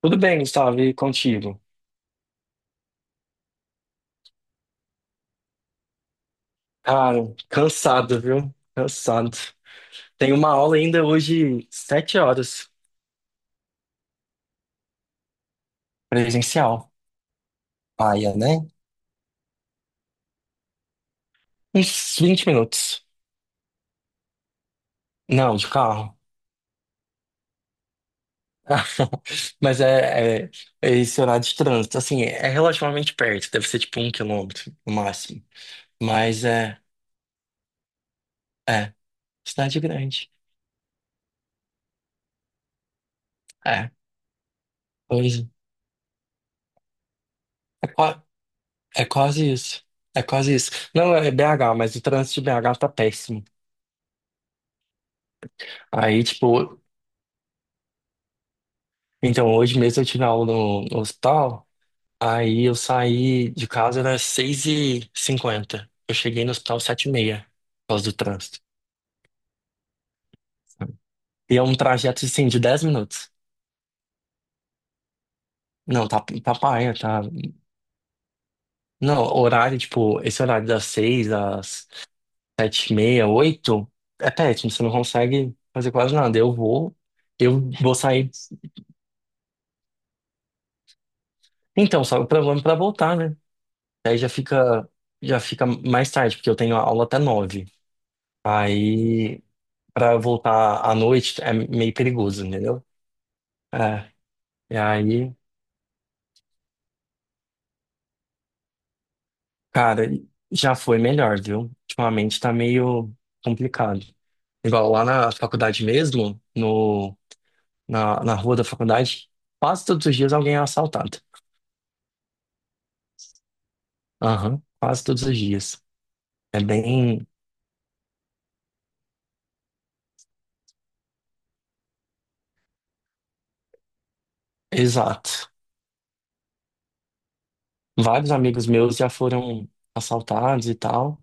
Tudo bem, Gustavo, e contigo? Cara, cansado, viu? Cansado. Tenho uma aula ainda hoje, sete horas, presencial. Paia, né? Uns vinte minutos. Não, de carro. Mas é esse horário de trânsito. Assim, é relativamente perto, deve ser tipo um quilômetro no máximo. Mas é, cidade grande. É, pois é. É, qua- É quase isso. É quase isso. Não, é BH, mas o trânsito de BH tá péssimo. Aí, tipo, Então, hoje mesmo eu tive aula no hospital, aí eu saí de casa, era seis e cinquenta. Eu cheguei no hospital sete e meia por causa do trânsito. E é um trajeto, assim, de 10 minutos. Não, tá, tá paia, tá... Não, horário, tipo, esse horário das 6 às sete e meia, oito, é péssimo, você não consegue fazer quase nada. Eu vou sair... Então, só o problema é pra voltar, né? Aí já fica, já fica mais tarde, porque eu tenho aula até nove. Aí... pra voltar à noite é meio perigoso, entendeu? É. E aí, cara, já foi melhor, viu? Ultimamente tá meio complicado. Igual lá na faculdade mesmo, no, na, na rua da faculdade, quase todos os dias alguém é assaltado. Aham, quase todos os dias. É bem exato. Vários amigos meus já foram assaltados e tal.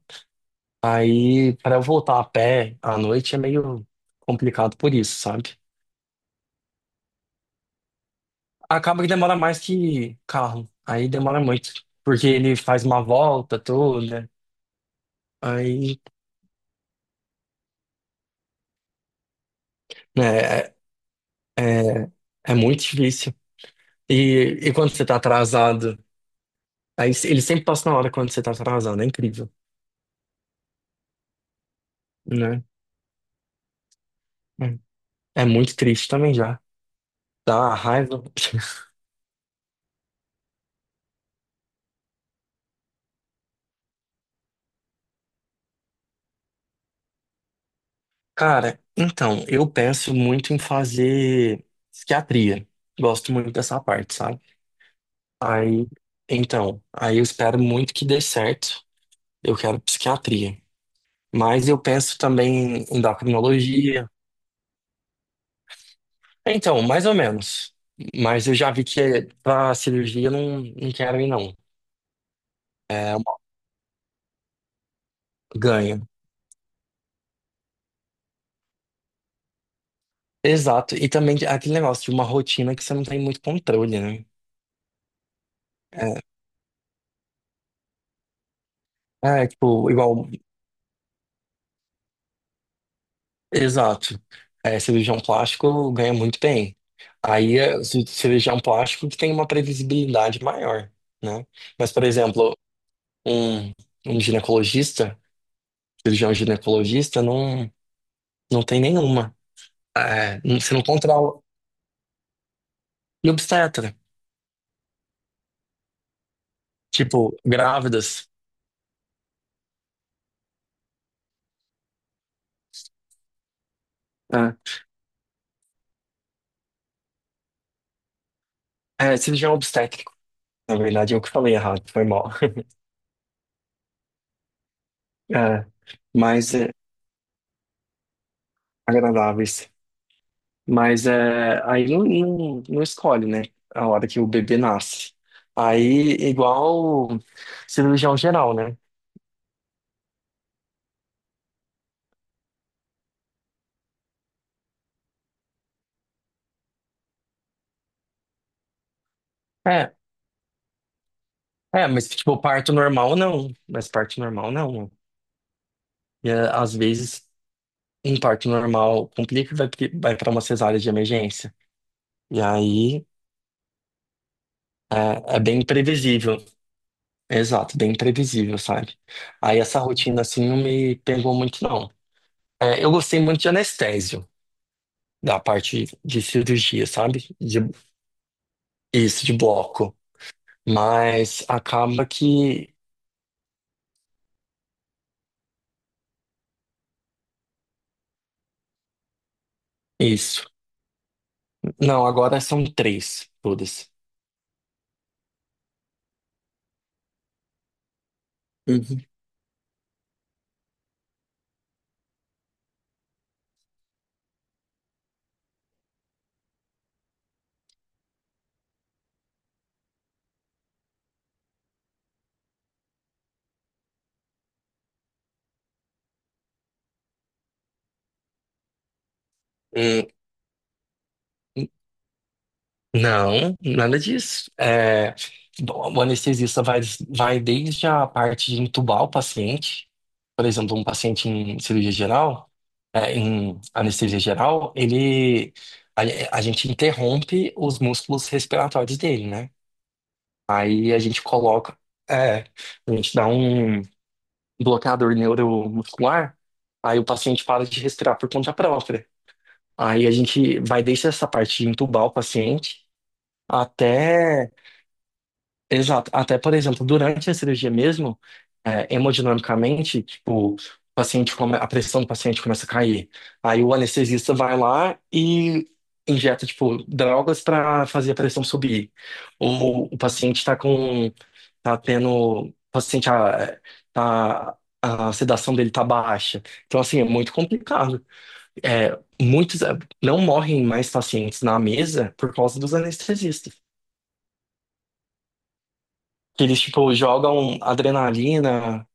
Aí, pra eu voltar a pé à noite é meio complicado por isso, sabe? Acaba que demora mais que carro. Aí demora muito. Porque ele faz uma volta toda. Aí, né, é, é, é muito difícil. E quando você tá atrasado? Aí se- ele sempre passa na hora quando você tá atrasado. É incrível, né? É. É muito triste também já. Dá uma raiva. Cara, então, eu penso muito em fazer psiquiatria. Gosto muito dessa parte, sabe? Aí, então, aí eu espero muito que dê certo. Eu quero psiquiatria. Mas eu penso também em endocrinologia. Então, mais ou menos. Mas eu já vi que para cirurgia eu não quero ir, não. É uma ganha. Exato. E também de- aquele negócio de uma rotina que você não tem muito controle, né? Tipo, igual. Exato. É, cirurgião plástico ganha muito bem. Aí é ci- cirurgião plástico que tem uma previsibilidade maior, né? Mas, por exemplo, um, um ginecologista, cirurgião ginecologista, não tem nenhuma. É, não- você não controla. E obstetra, tipo, grávidas, né? É, cirurgião obstétrico. Na verdade, eu que falei errado, foi mal. É, mas é, agradáveis. Mas é, aí não escolhe, né? A hora que o bebê nasce. Aí, igual cirurgião geral, né? É, mas tipo, parto normal não. Mas parto normal não. E é, às vezes, um parto normal complica e vai para uma cesárea de emergência. E aí. É, é bem imprevisível. Exato, bem imprevisível, sabe? Aí essa rotina assim não me pegou muito, não. É, eu gostei muito de anestésio, da parte de cirurgia, sabe? De, isso, de bloco. Mas acaba que. Isso. Não, agora são três, todas. Uhum. Hum. Não, nada disso. É, bom, o anestesista vai desde a parte de entubar o paciente, por exemplo, um paciente em cirurgia geral, é, em anestesia geral, ele a, a gente interrompe os músculos respiratórios dele, né? Aí a gente coloca, é, a gente dá um bloqueador neuromuscular, aí o paciente para de respirar por conta própria. Aí a gente vai desde essa parte de entubar o paciente até. Exato. Até, por exemplo, durante a cirurgia mesmo, é, hemodinamicamente, tipo, o paciente come- a pressão do paciente começa a cair. Aí o anestesista vai lá e injeta, tipo, drogas para fazer a pressão subir. Ou o paciente está com, tá tendo, o paciente, a, tá- a sedação dele tá baixa. Então, assim, é muito complicado. É, muitos, é, não morrem mais pacientes na mesa por causa dos anestesistas. Que eles, tipo, jogam adrenalina.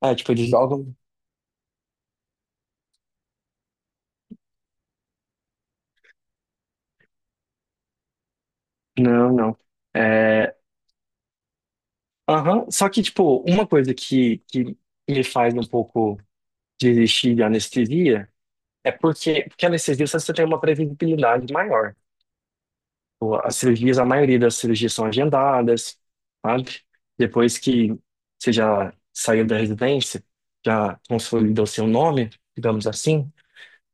É, tipo, eles jogam. Não, não. É... aham. Só que, tipo, uma coisa que me faz um pouco desistir de anestesia é porque a anestesia você tem uma previsibilidade maior. Tipo, as cirurgias, a maioria das cirurgias são agendadas, sabe? Depois que você já saiu da residência, já consolidou seu nome, digamos assim.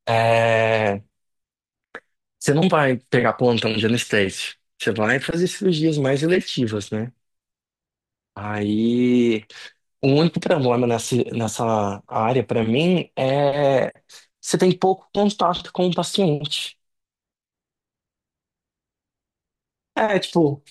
É, você não vai pegar plantão de anestésio. Você vai fazer cirurgias mais eletivas, né? Aí, o único problema nessa área, pra mim, é você tem pouco contato com o paciente. É, tipo,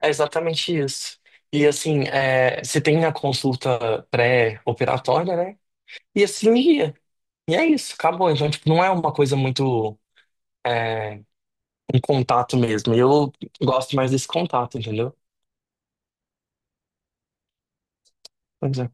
é exatamente isso. E assim, é, você tem a consulta pré-operatória, né? E a cirurgia. E é isso, acabou. Então, tipo, não é uma coisa muito, é, um contato mesmo. Eu gosto mais desse contato, entendeu? Pois é.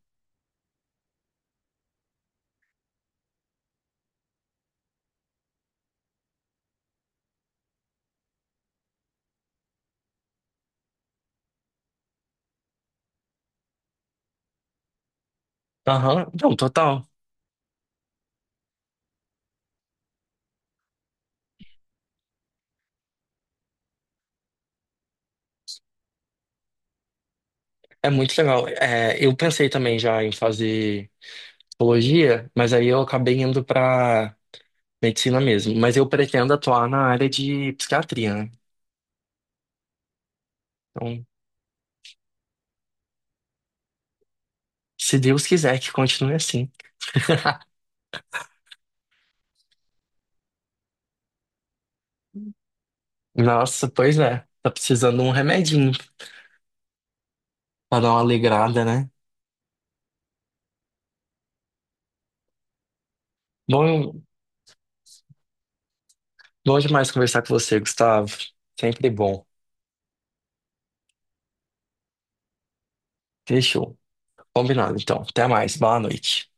Aham, não, total. É muito legal. É, eu pensei também já em fazer psicologia, mas aí eu acabei indo pra medicina mesmo. Mas eu pretendo atuar na área de psiquiatria, né? Então, se Deus quiser que continue assim. Nossa, pois é. Tá precisando de um remedinho pra dar uma alegrada, né? Bom, bom demais conversar com você, Gustavo. Sempre bom. Fechou. Combinado, então. Até mais. Boa noite.